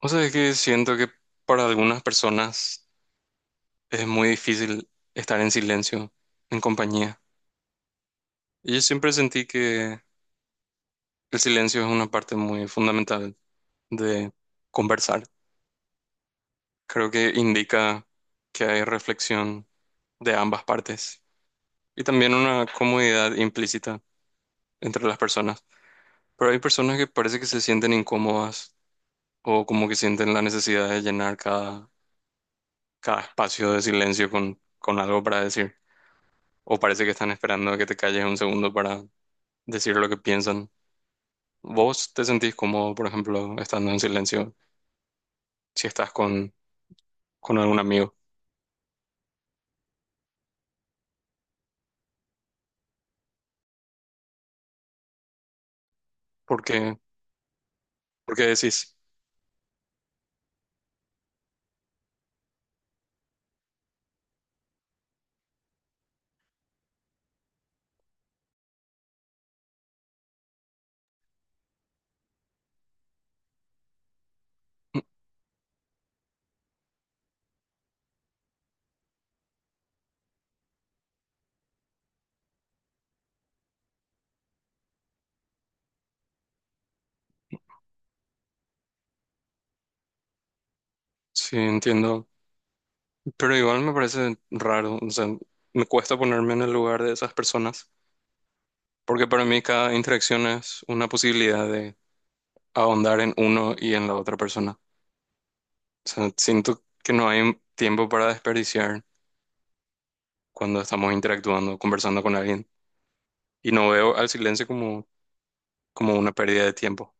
O sea, es que siento que para algunas personas es muy difícil estar en silencio, en compañía. Y yo siempre sentí que el silencio es una parte muy fundamental de conversar. Creo que indica que hay reflexión de ambas partes y también una comodidad implícita entre las personas. Pero hay personas que parece que se sienten incómodas o como que sienten la necesidad de llenar cada espacio de silencio con algo para decir. O parece que están esperando a que te calles un segundo para decir lo que piensan. ¿Vos te sentís cómodo, por ejemplo, estando en silencio si estás con algún amigo? ¿Por qué? ¿Por qué decís? Sí, entiendo. Pero igual me parece raro. O sea, me cuesta ponerme en el lugar de esas personas. Porque para mí cada interacción es una posibilidad de ahondar en uno y en la otra persona. O sea, siento que no hay tiempo para desperdiciar cuando estamos interactuando, conversando con alguien. Y no veo al silencio como una pérdida de tiempo.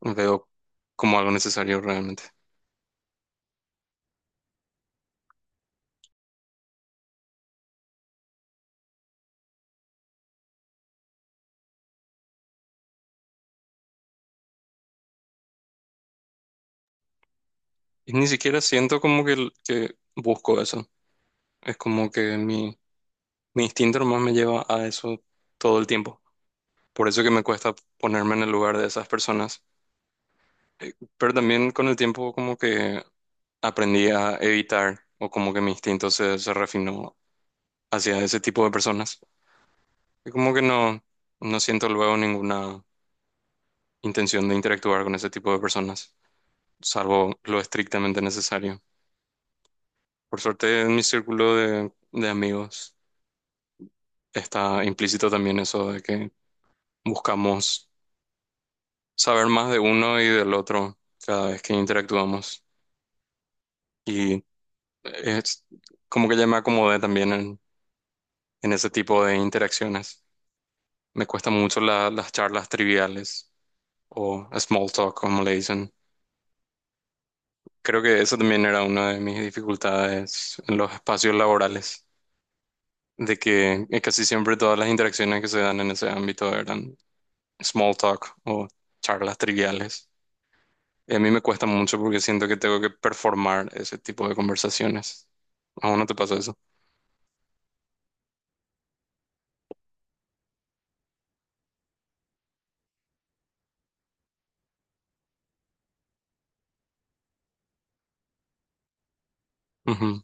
Veo como algo necesario realmente. Y ni siquiera siento como que busco eso. Es como que mi instinto nomás me lleva a eso todo el tiempo. Por eso que me cuesta ponerme en el lugar de esas personas. Pero también con el tiempo como que aprendí a evitar o como que mi instinto se refinó hacia ese tipo de personas. Y como que no, no siento luego ninguna intención de interactuar con ese tipo de personas, salvo lo estrictamente necesario. Por suerte, en mi círculo de amigos está implícito también eso de que buscamos saber más de uno y del otro cada vez que interactuamos. Y es como que ya me acomodé también en ese tipo de interacciones. Me cuestan mucho las charlas triviales o small talk, como le dicen. Creo que eso también era una de mis dificultades en los espacios laborales, de que casi siempre todas las interacciones que se dan en ese ámbito eran small talk o charlas triviales. Y a mí me cuesta mucho porque siento que tengo que performar ese tipo de conversaciones. ¿Aún no te pasa eso? Ujú.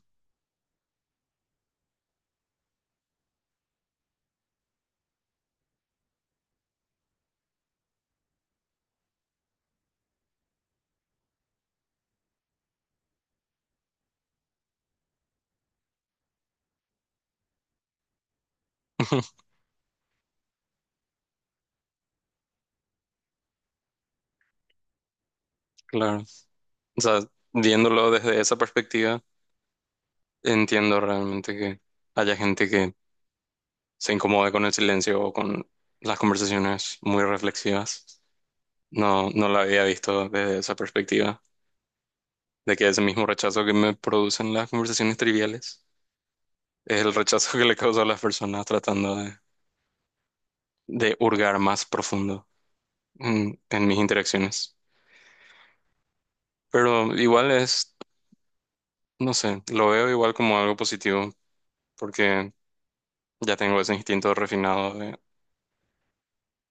Claro. O sea, viéndolo desde esa perspectiva, entiendo realmente que haya gente que se incomode con el silencio o con las conversaciones muy reflexivas. No, no la había visto desde esa perspectiva, de que ese mismo rechazo que me producen las conversaciones triviales es el rechazo que le causa a las personas tratando de hurgar más profundo en mis interacciones. Pero igual es, no sé, lo veo igual como algo positivo, porque ya tengo ese instinto refinado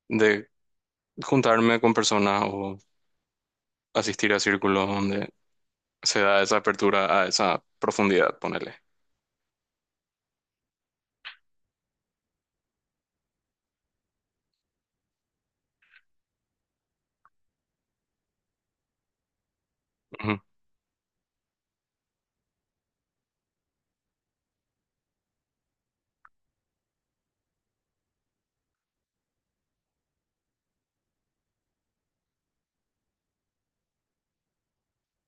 de juntarme con personas o asistir a círculos donde se da esa apertura a esa profundidad, ponerle.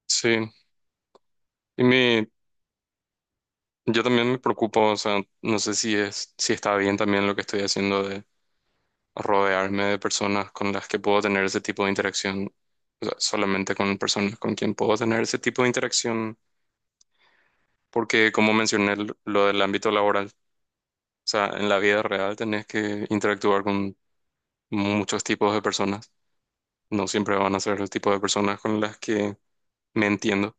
Sí, y mi, yo también me preocupo, o sea, no sé si es, si está bien también lo que estoy haciendo de rodearme de personas con las que puedo tener ese tipo de interacción, o sea, solamente con personas con quien puedo tener ese tipo de interacción, porque como mencioné lo del ámbito laboral, o sea, en la vida real tenés que interactuar con muchos tipos de personas, no siempre van a ser el tipo de personas con las que me entiendo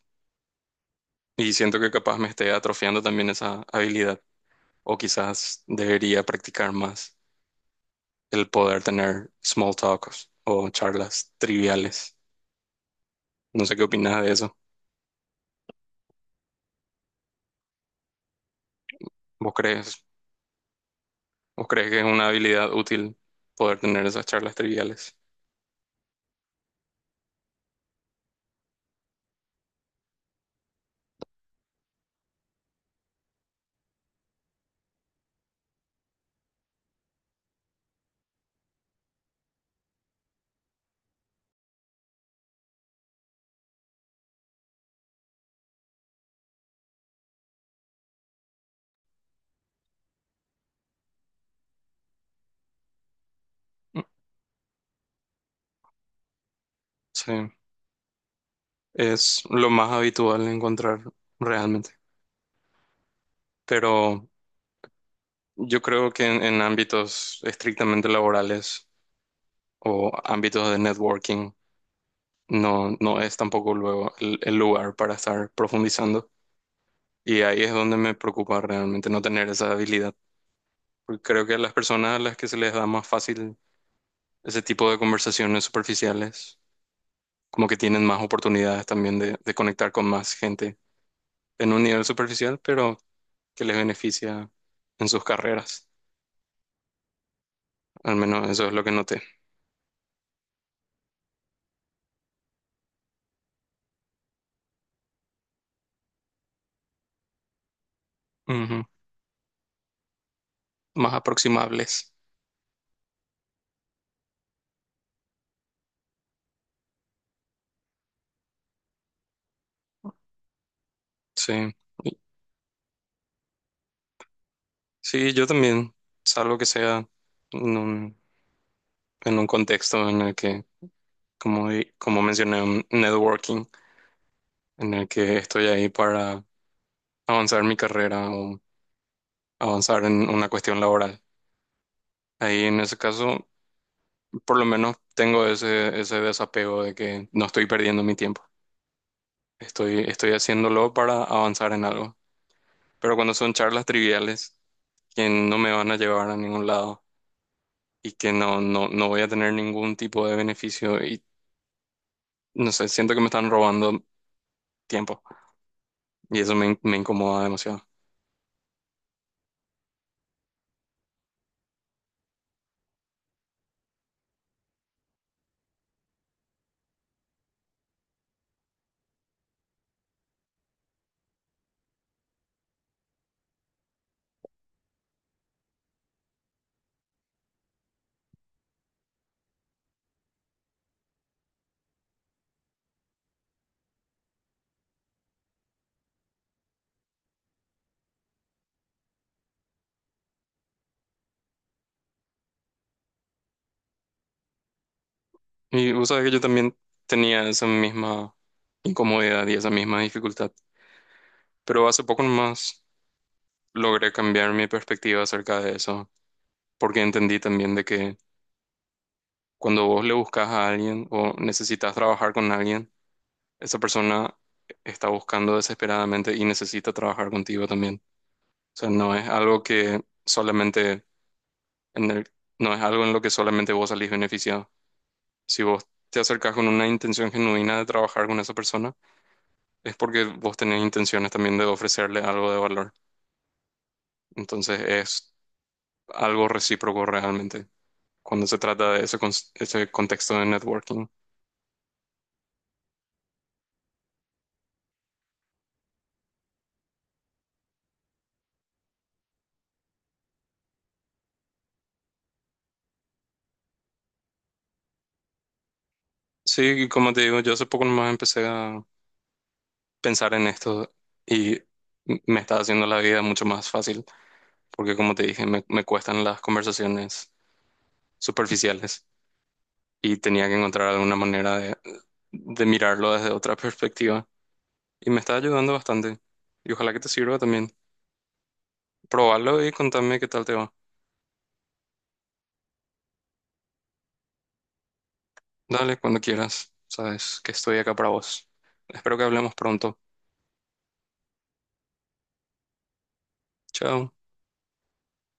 y siento que capaz me esté atrofiando también esa habilidad o quizás debería practicar más el poder tener small talks o charlas triviales. No sé qué opinas de eso. ¿Vos crees, vos crees que es una habilidad útil poder tener esas charlas triviales? Sí, es lo más habitual encontrar realmente. Pero yo creo que en ámbitos estrictamente laborales o ámbitos de networking no, no es tampoco luego el lugar para estar profundizando. Y ahí es donde me preocupa realmente no tener esa habilidad. Porque creo que a las personas a las que se les da más fácil ese tipo de conversaciones superficiales como que tienen más oportunidades también de conectar con más gente en un nivel superficial, pero que les beneficia en sus carreras. Al menos eso es lo que noté. Ujú. Más aproximables. Sí. Y- Sí, yo también, salvo que sea en un, en un contexto en el que, como, como mencioné, un networking, en el que estoy ahí para avanzar mi carrera o avanzar en una cuestión laboral. Ahí en ese caso por lo menos tengo ese desapego de que no estoy perdiendo mi tiempo. Estoy haciéndolo para avanzar en algo. Pero cuando son charlas triviales, que no me van a llevar a ningún lado y que no voy a tener ningún tipo de beneficio y no sé, siento que me están robando tiempo y eso me incomoda demasiado. Y vos sabés que yo también tenía esa misma incomodidad y esa misma dificultad, pero hace poco nomás logré cambiar mi perspectiva acerca de eso porque entendí también de que cuando vos le buscas a alguien o necesitas trabajar con alguien, esa persona está buscando desesperadamente y necesita trabajar contigo también. O sea, no es algo que solamente en el- no es algo en lo que solamente vos salís beneficiado. Si vos te acercás con una intención genuina de trabajar con esa persona, es porque vos tenés intenciones también de ofrecerle algo de valor. Entonces es algo recíproco realmente cuando se trata de ese contexto de networking. Sí, y como te digo, yo hace poco nomás empecé a pensar en esto y me está haciendo la vida mucho más fácil, porque como te dije, me cuestan las conversaciones superficiales y tenía que encontrar alguna manera de mirarlo desde otra perspectiva y me está ayudando bastante y ojalá que te sirva también. Probarlo y contame qué tal te va. Dale, cuando quieras, sabes que estoy acá para vos. Espero que hablemos pronto. Chao.